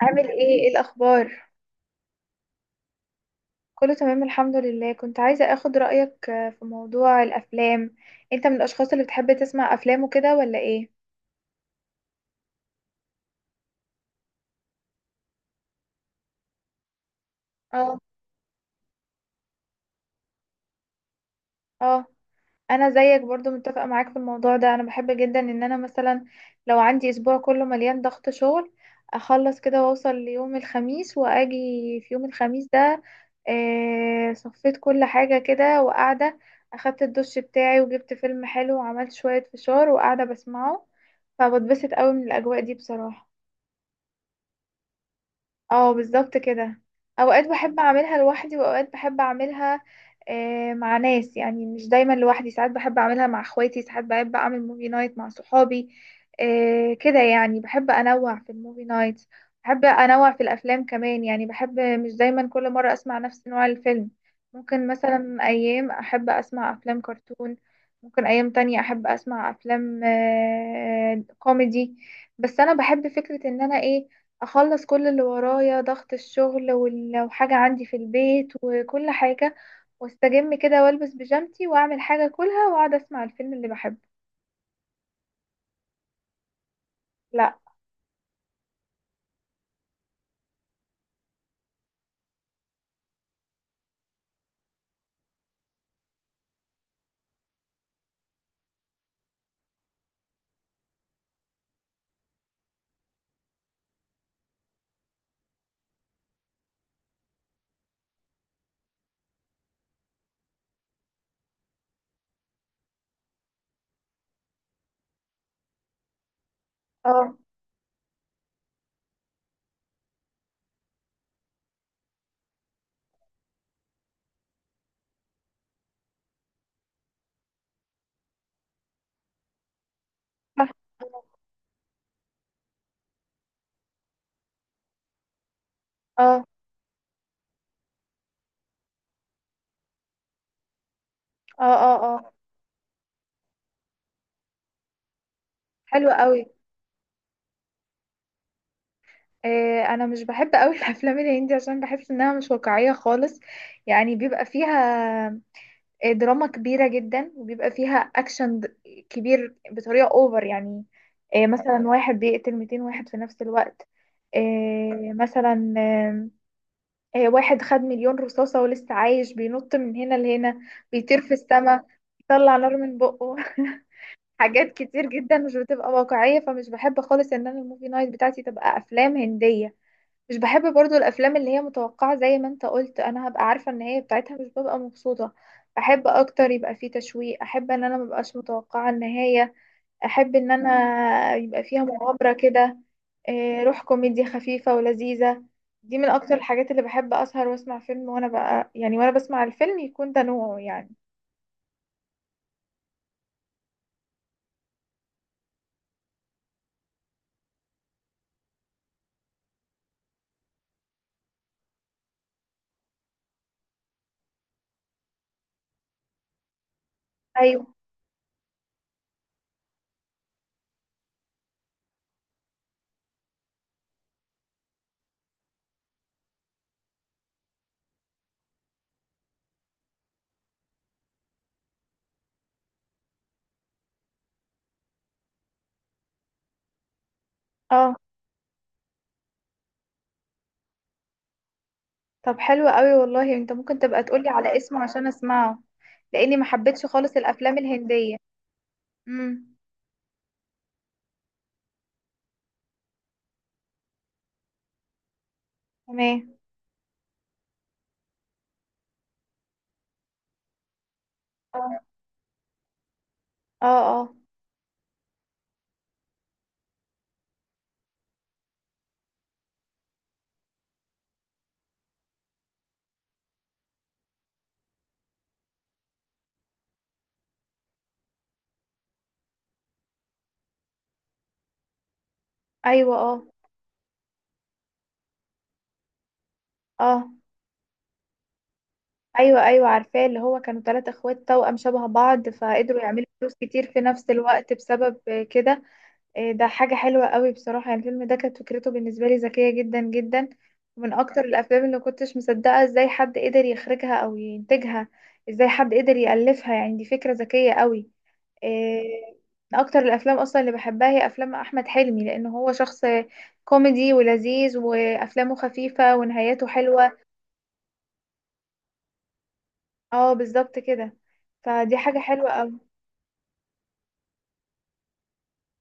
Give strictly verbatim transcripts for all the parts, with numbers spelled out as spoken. عامل ايه؟ ايه الاخبار؟ كله تمام، الحمد لله. كنت عايزة اخد رأيك آه، في موضوع الافلام. انت من الاشخاص اللي بتحب تسمع افلام وكده ولا ايه؟ اه. اه. انا زيك برضو متفقة معاك في الموضوع ده. انا بحب جدا ان انا مثلا لو عندي اسبوع كله مليان ضغط شغل، اخلص كده واوصل ليوم الخميس، واجي في يوم الخميس ده آه صفيت كل حاجة كده وقاعدة. اخدت الدش بتاعي وجبت فيلم حلو وعملت شوية فشار وقاعدة بسمعه. فبتبسط قوي من الاجواء دي بصراحة. اه، بالظبط كده. اوقات بحب اعملها لوحدي واوقات بحب اعملها آه، مع ناس. يعني مش دايما لوحدي، ساعات بحب اعملها مع اخواتي، ساعات بحب اعمل موفي نايت مع صحابي. آه، كده يعني بحب انوع في الموفي نايت، بحب انوع في الافلام كمان. يعني بحب مش دايما كل مرة اسمع نفس نوع الفيلم. ممكن مثلا ايام احب اسمع افلام كرتون، ممكن ايام تانية احب اسمع افلام آه، كوميدي. بس انا بحب فكرة ان انا ايه، اخلص كل اللي ورايا ضغط الشغل وال- لو حاجة عندي في البيت وكل حاجة، واستجم كده والبس بيجامتي واعمل حاجة كلها واقعد اسمع الفيلم اللي بحبه. لا. اه. صح. اه. اه. اه. اه. حلو قوي. آه انا مش بحب قوي الافلام الهندي عشان بحس انها مش واقعية خالص. يعني بيبقى فيها آه، دراما كبيرة جدا، وبيبقى فيها أكشن د- كبير بطريقة أوفر يعني. آه، مثلا واحد بيقتل مئتين واحد في نفس الوقت. آه، مثلا آه، آه، واحد خد مليون رصاصة ولسه عايش بينط من هنا لهنا، بيطير في السماء، بيطلع نار من بقه حاجات كتير جدا مش بتبقى واقعية. فمش بحب خالص إن أنا الموفي نايت بتاعتي تبقى أفلام هندية. مش بحب برضو الافلام اللي هي متوقعة، زي ما انت قلت انا هبقى عارفة النهاية بتاعتها، مش ببقى مبسوطة. احب اكتر يبقى فيه تشويق، احب ان انا مبقاش متوقعة النهاية، احب ان انا يبقى فيها مغامرة كده. إيه، روح كوميديا خفيفة ولذيذة، دي من اكتر الحاجات اللي بحب اسهر واسمع فيلم وانا بقى يعني وانا بسمع الفيلم يكون ده نوعه يعني. ايوه. اه. طب حلو قوي والله، انت ممكن تبقى تقولي على اسمه عشان اسمعه، لاني ما حبيتش خالص الافلام الهندية. امم. تمام. اه. اه. ايوه. اه. اه. ايوه. ايوه عارفاه، اللي هو كانوا ثلاثة اخوات توأم شبه بعض فقدروا يعملوا فلوس كتير في نفس الوقت بسبب كده. إيه ده، حاجة حلوة قوي بصراحة. يعني الفيلم ده كانت فكرته بالنسبة لي ذكية جدا جدا، ومن اكتر الافلام اللي كنتش مصدقة ازاي حد قدر يخرجها او ينتجها، ازاي حد قدر يألفها. يعني دي فكرة ذكية قوي. إيه، من اكتر الافلام اصلا اللي بحبها هي افلام احمد حلمي، لان هو شخص كوميدي ولذيذ، وافلامه خفيفة ونهاياته حلوة. اه، بالظبط كده. فدي حاجة حلوة قوي.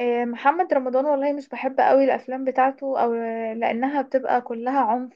آه، محمد رمضان والله مش بحب قوي الافلام بتاعته، او لانها بتبقى كلها عنف،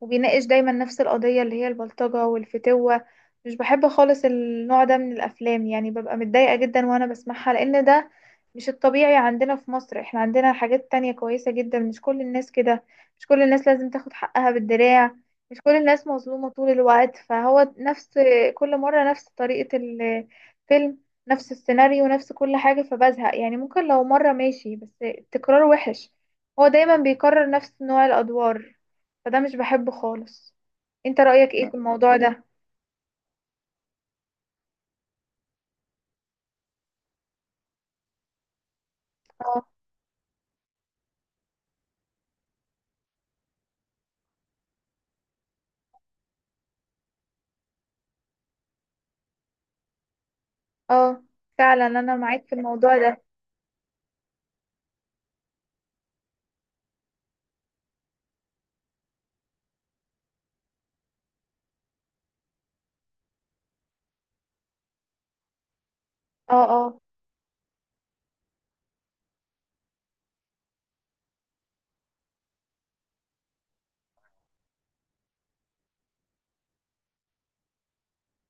وبيناقش دايما نفس القضية اللي هي البلطجة والفتوة. مش بحب خالص النوع ده من الافلام. يعني ببقى متضايقة جدا وانا بسمعها، لان ده مش الطبيعي عندنا في مصر، احنا عندنا حاجات تانية كويسة جدا. مش كل الناس كده، مش كل الناس لازم تاخد حقها بالدراع، مش كل الناس مظلومة طول الوقت. فهو نفس كل مرة نفس طريقة الفيلم، نفس السيناريو، نفس كل حاجة. فبزهق يعني، ممكن لو مرة ماشي بس التكرار وحش. هو دايما بيكرر نفس نوع الأدوار، فده مش بحبه خالص. انت رأيك ايه في الموضوع ده؟ اه. اه. فعلا انا معاك في الموضوع ده. اه. اه.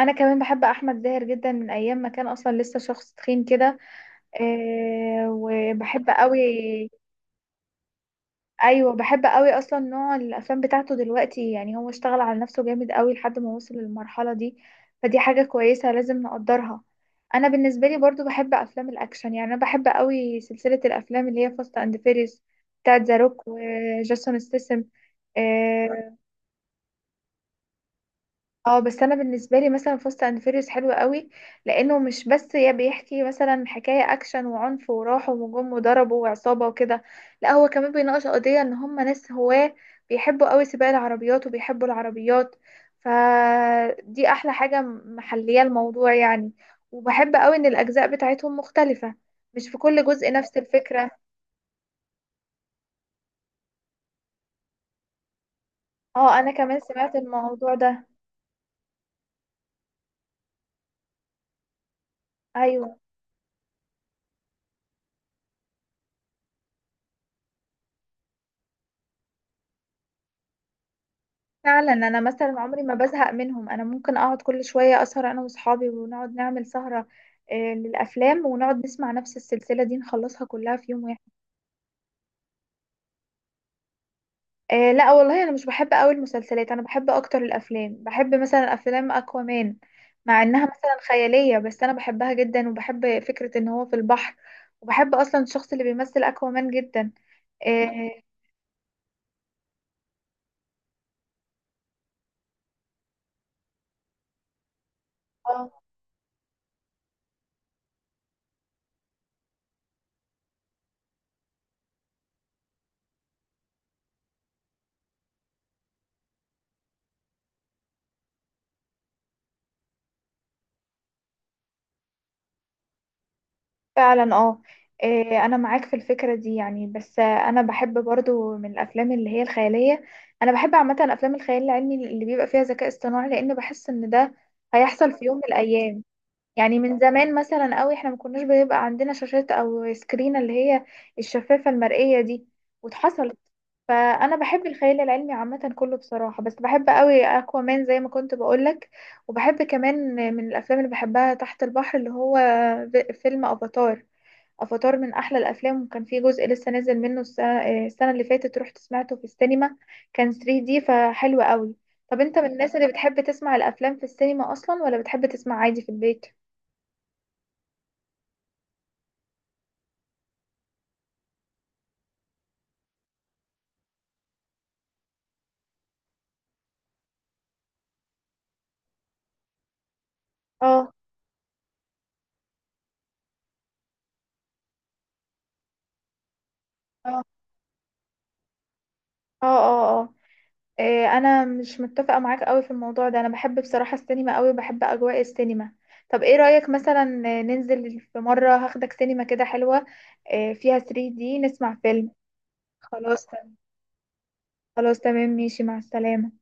انا كمان بحب احمد زاهر جدا من ايام ما كان اصلا لسه شخص تخين كده. آه وبحب قوي. ايوه، بحب قوي اصلا نوع الافلام بتاعته دلوقتي. يعني هو اشتغل على نفسه جامد قوي لحد ما وصل للمرحله دي، فدي حاجه كويسه لازم نقدرها. انا بالنسبه لي برضو بحب افلام الاكشن، يعني انا بحب قوي سلسله الافلام اللي هي فاست اند فيريز بتاعت ذا روك وجاسون ستاثام. اه. بس انا بالنسبه لي مثلا فاست اند فيريوس حلو قوي، لانه مش بس يا بيحكي مثلا حكايه اكشن وعنف وراحوا وجم وضربوا وعصابه وكده، لا هو كمان بيناقش قضيه ان هم ناس هواه، بيحبوا قوي سباق العربيات وبيحبوا العربيات. فدي احلى حاجه، محليه الموضوع يعني. وبحب قوي ان الاجزاء بتاعتهم مختلفه، مش في كل جزء نفس الفكره. اه، انا كمان سمعت الموضوع ده. ايوه فعلا. انا مثلا عمري ما بزهق منهم، انا ممكن اقعد كل شويه اسهر انا واصحابي، ونقعد نعمل سهره آه، للافلام، ونقعد نسمع نفس السلسله دي نخلصها كلها في يوم واحد. آه، لا والله انا مش بحب قوي المسلسلات، انا بحب اكتر الافلام، بحب مثلا افلام اكوامان. مع انها مثلا خياليه بس انا بحبها جدا، وبحب فكره ان هو في البحر. وبحب اصلا الشخص اللي بيمثل اكوامان جدا. اه. آه، فعلا اه. إيه، انا معاك في الفكره دي يعني. بس آه، انا بحب برضو من الافلام اللي هي الخياليه، انا بحب عامه افلام الخيال العلمي اللي بيبقى فيها ذكاء اصطناعي، لان بحس ان ده هيحصل في يوم من الايام. يعني من زمان مثلا قوي احنا ما كناش بيبقى عندنا شاشات او سكرين اللي هي الشفافه المرئيه دي، واتحصلت. فانا بحب الخيال العلمي عامه كله بصراحه، بس بحب قوي اكوامان زي ما كنت بقولك. وبحب كمان من الافلام اللي بحبها تحت البحر اللي هو فيلم افاتار. افاتار من احلى الافلام، وكان في جزء لسه نازل منه السنه السنة اللي فاتت، رحت سمعته في السينما، كان ثري دي فحلو قوي. طب انت من الناس اللي بتحب تسمع الافلام في السينما اصلا ولا بتحب تسمع عادي في البيت؟ اه. اه. اه. اه. اه. إيه، انا مش متفقه معاك قوي في الموضوع ده، انا بحب بصراحه السينما قوي، وبحب اجواء السينما. طب ايه رايك مثلا ننزل في مره هاخدك سينما كده حلوه، إيه، فيها ثري دي نسمع فيلم؟ خلاص. خلاص تمام، ماشي مع السلامه.